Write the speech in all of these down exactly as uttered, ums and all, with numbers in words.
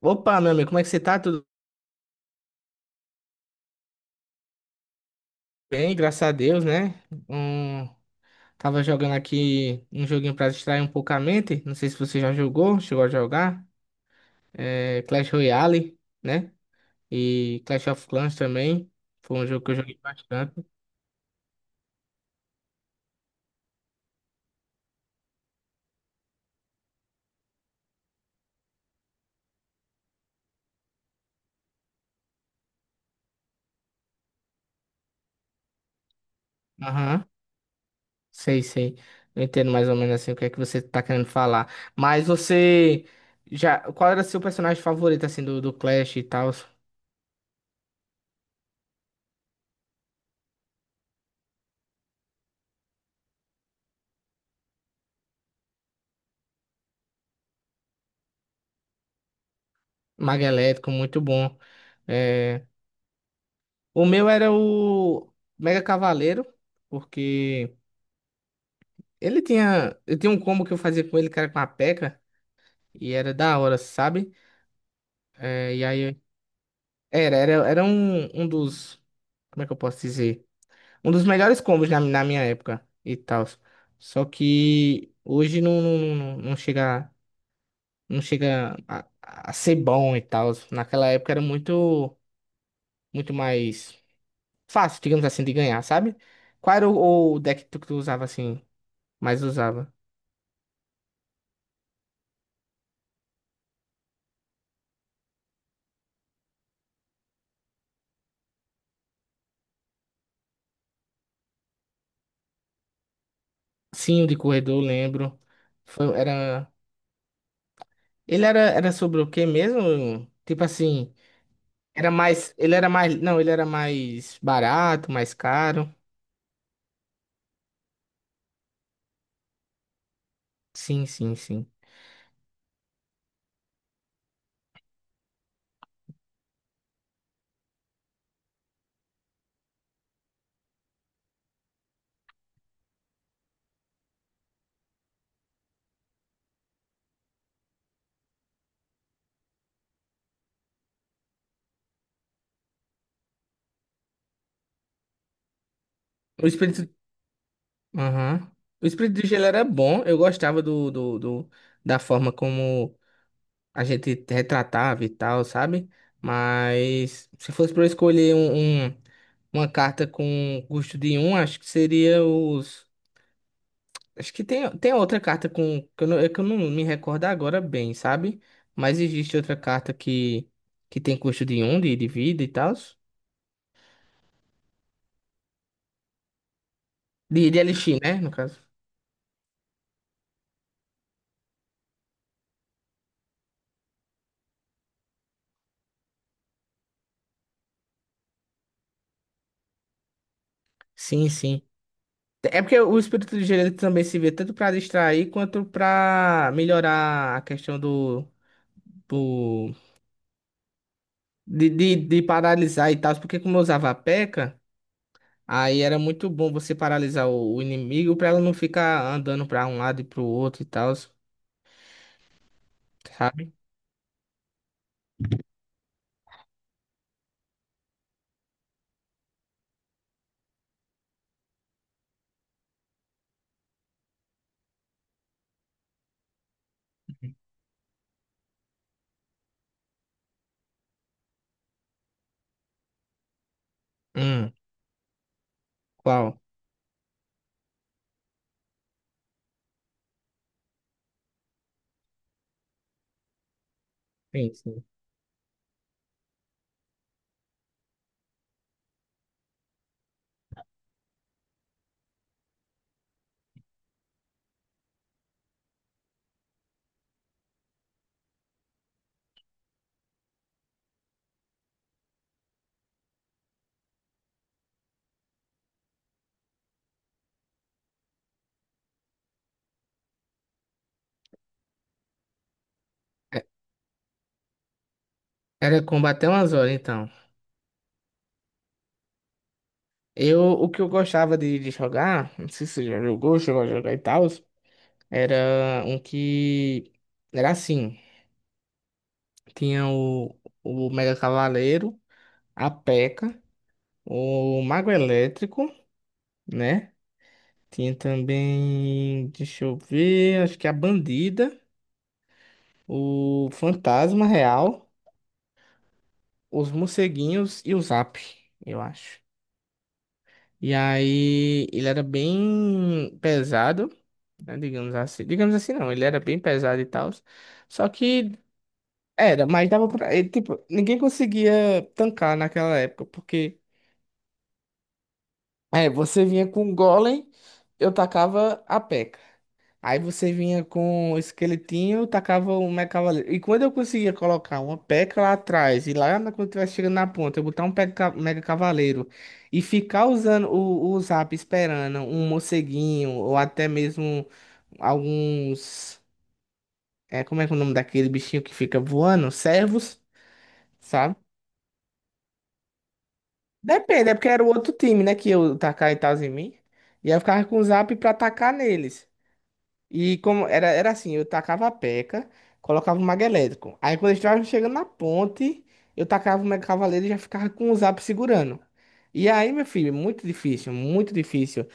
Opa, meu amigo, como é que você tá? Tudo bem? Graças a Deus, né? Hum, tava jogando aqui um joguinho pra distrair um pouco a mente. Não sei se você já jogou, chegou a jogar. É, Clash Royale, né? E Clash of Clans também. Foi um jogo que eu joguei bastante. Aham, sei, sei. Eu entendo mais ou menos assim o que é que você tá querendo falar. Mas você já. Qual era seu personagem favorito, assim, do, do Clash e tal? Mago Elétrico, muito bom. É, o meu era o Mega Cavaleiro, porque ele tinha, eu tinha um combo que eu fazia com ele, que era com a P E K K.A, e K K A, e era da hora, sabe? É, e aí, era, era, era um, um dos, como é que eu posso dizer? Um dos melhores combos na, na minha época e tal. Só que hoje não, não, não, não chega, não chega a, a ser bom e tal. Naquela época era muito, muito mais fácil, digamos assim, de ganhar, sabe? Qual era o, o deck que tu que tu usava assim, mais usava? Sim, o de corredor, lembro. Foi, era, ele era, era sobre o quê mesmo? Tipo assim, era mais, ele era mais, não, ele era mais barato, mais caro. Sim, sim, sim. O espírito, aham. O espírito de gelo era bom, eu gostava do, do, do- da forma como a gente retratava e tal, sabe? Mas se fosse para eu escolher um, um- uma carta com custo de um, acho que seria os. Acho que tem, tem outra carta com, que eu não, é que eu não me recordo agora bem, sabe? Mas existe outra carta que, que tem custo de um, de, de vida e tal. De, de elixir, né? No caso. Sim, sim. É porque o espírito de gerente também se vê tanto pra distrair quanto pra melhorar a questão do, do de, de, de paralisar e tal. Porque como eu usava a peca.A, aí era muito bom você paralisar o, o inimigo pra ela não ficar andando pra um lado e pro outro e tal, sabe? Hum, qual? Sim, sim. É- era combater umas horas, então. Eu, o que eu gostava de, de jogar, não sei se você já jogou, chegou a jogar e tal, era um que era assim, tinha o, o Mega Cavaleiro, a P E K K A, o Mago Elétrico, né? Tinha também, deixa eu ver, acho que a Bandida, o Fantasma Real, os Morceguinhos e o Zap, eu acho. E aí, ele era bem pesado, né, digamos assim. Digamos assim, não, ele era bem pesado e tal. Só que era, mas dava pra. Ele, tipo, ninguém conseguia tancar naquela época, porque é, você vinha com um golem, eu tacava a peca. Aí você vinha com um esqueletinho, eu tacava o meu cavaleiro. E quando eu conseguia colocar uma peca lá atrás, e lá na- quando tivesse chegando na ponta, eu botar um peca- mega cavaleiro e ficar usando o, o zap esperando um morceguinho, ou até mesmo alguns. É, como é que é o nome daquele bichinho que fica voando? Servos, sabe? Depende, é porque era o outro time, né? Que eu tacar e tal em mim. E aí eu ficava com o zap pra atacar neles. E como era, era assim, eu tacava a peca, colocava o mago elétrico. Aí quando eles estavam chegando na ponte, eu tacava o mega cavaleiro e já ficava com o zap segurando. E aí, meu filho, muito difícil, muito difícil.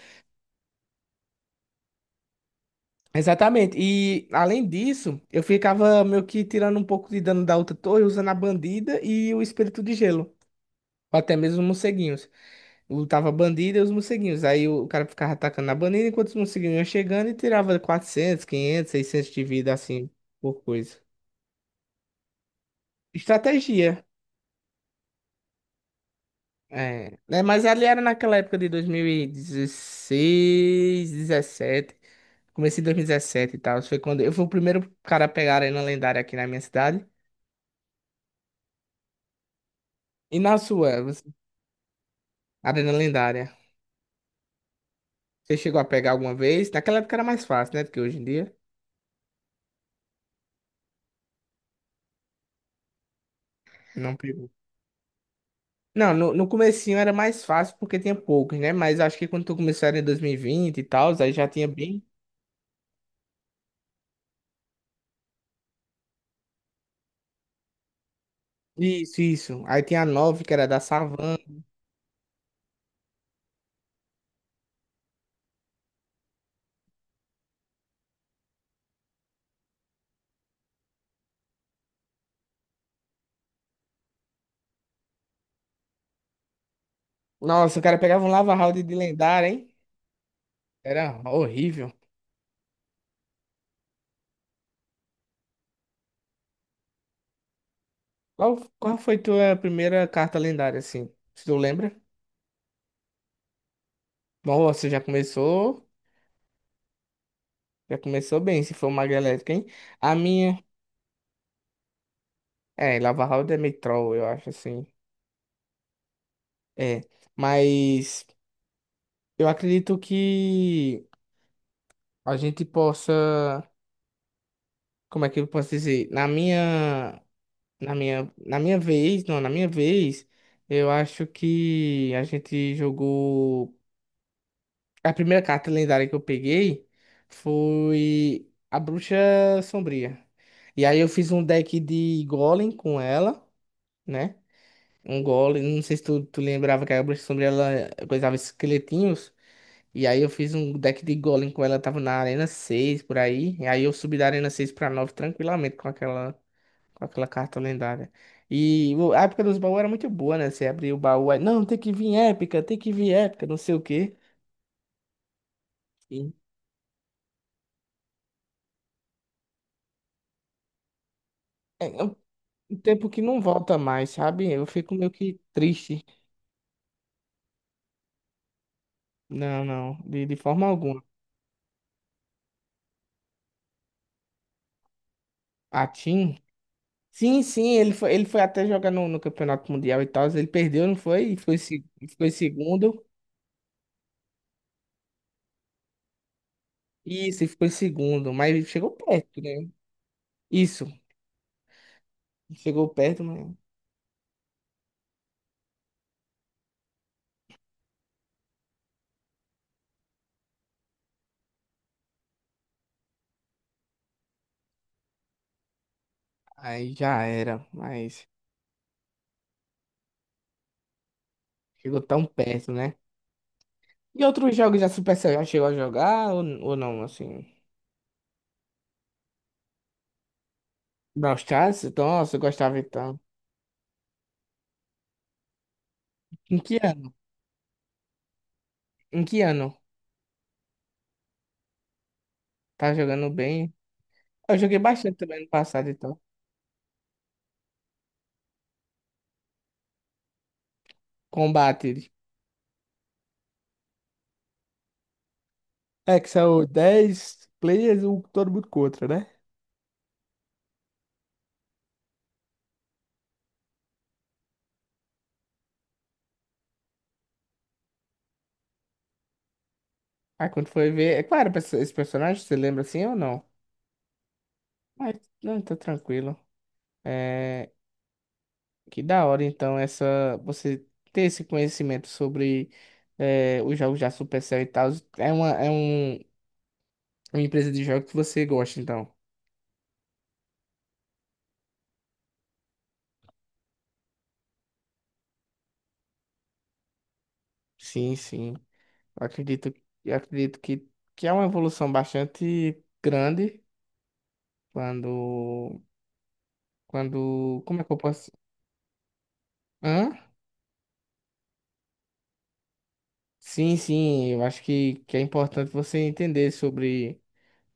Exatamente. E além disso, eu ficava meio que tirando um pouco de dano da outra torre, usando a bandida e o espírito de gelo. Ou até mesmo os morceguinhos. Lutava bandido e os morceguinhos. Aí o cara ficava atacando na bandeira enquanto os morceguinhos iam chegando e tirava quatrocentos, quinhentos, seiscentos de vida, assim, por coisa. Estratégia. É, né? Mas ali era naquela época de dois mil e dezesseis, dezessete. Comecei em dois mil e dezessete e tal. Foi quando eu fui o primeiro cara a pegar a Arena Lendária aqui na minha cidade. E na sua, você-. Arena Lendária. Você chegou a pegar alguma vez? Naquela época era mais fácil, né? Do que hoje em dia. Não pegou. Não, no, no comecinho era mais fácil porque tinha poucos, né? Mas acho que quando tu começou era em dois mil e vinte e vinte e tal, aí já tinha bem. Isso, isso. Aí tinha a nove que era da savan. Nossa, o cara pegava um Lava Round de lendária, hein? Era horrível. Qual, qual foi tua primeira carta lendária, assim? Se tu lembra? Nossa, já começou. Já começou bem, se for uma galética, hein? A minha. É, Lava Round é meio troll, eu acho, assim. É. Mas eu acredito que a gente possa. Como é que eu posso dizer? Na minha, na minha, na minha vez, não, na minha vez, eu acho que a gente jogou. A primeira carta lendária que eu peguei foi a Bruxa Sombria. E aí eu fiz um deck de Golem com ela, né? Um Golem, não sei se tu, tu lembrava que a Bruxa Sombria ela coisava esqueletinhos. E aí eu fiz um deck de Golem com ela, tava na Arena seis por aí. E aí eu subi da Arena seis pra nove tranquilamente com aquela. Com aquela carta lendária. E o- a época dos baús era muito boa, né? Você abria o baú, aí, não, tem que vir épica, tem que vir épica, não sei o quê. E é é um um tempo que não volta mais, sabe? Eu fico meio que triste. Não, não, de, de forma alguma. A Tim? Sim, sim, ele foi, ele foi até jogar no, no Campeonato Mundial e tal, ele perdeu, não foi? E ficou, em se- e ficou em segundo. Isso, ele ficou em segundo, mas chegou perto, né? Isso, chegou perto, mas aí já era, mas chegou tão perto, né? E outros jogos da Supercell já chegou a jogar ou, ou não, assim? Brawl Stars? Nossa, eu gostava então. Em que ano? Em que ano? Tá jogando bem? Eu joguei bastante também no passado, então. Combate. É que são dez players, um todo mundo contra, né? Aí quando foi ver. É claro, esse esse personagem, você lembra assim ou não? Mas não, tá tranquilo. É. Que da hora, então, essa. Você ter esse conhecimento sobre é, os jogos da Supercell e tal. É uma, é um. Uma empresa de jogos que você gosta, então. Sim, sim. Acredito, acredito que, que é uma evolução bastante grande quando, quando, como é que eu posso? Hã? Sim, sim. Eu acho que, que é importante você entender sobre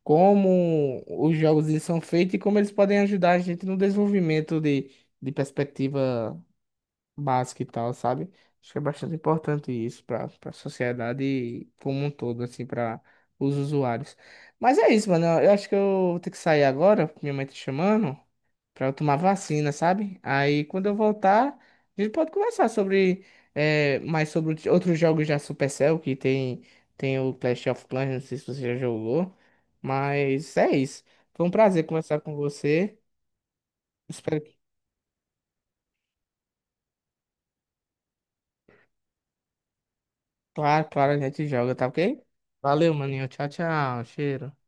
como os jogos eles são feitos e como eles podem ajudar a gente no desenvolvimento de, de perspectiva básica e tal, sabe? Acho que é bastante importante isso para para a sociedade como um todo, assim, para os usuários. Mas é isso, mano. Eu acho que eu vou ter que sair agora, minha mãe tá chamando, para eu tomar vacina, sabe? Aí quando eu voltar, a gente pode conversar sobre é mais sobre outros outros jogos da Supercell, que tem, tem o Clash of Clans, não sei se você já jogou, mas é isso. Foi um prazer conversar com você. Espero que. Claro, claro, a gente joga, tá ok? Valeu, maninho. Tchau, tchau. Cheiro.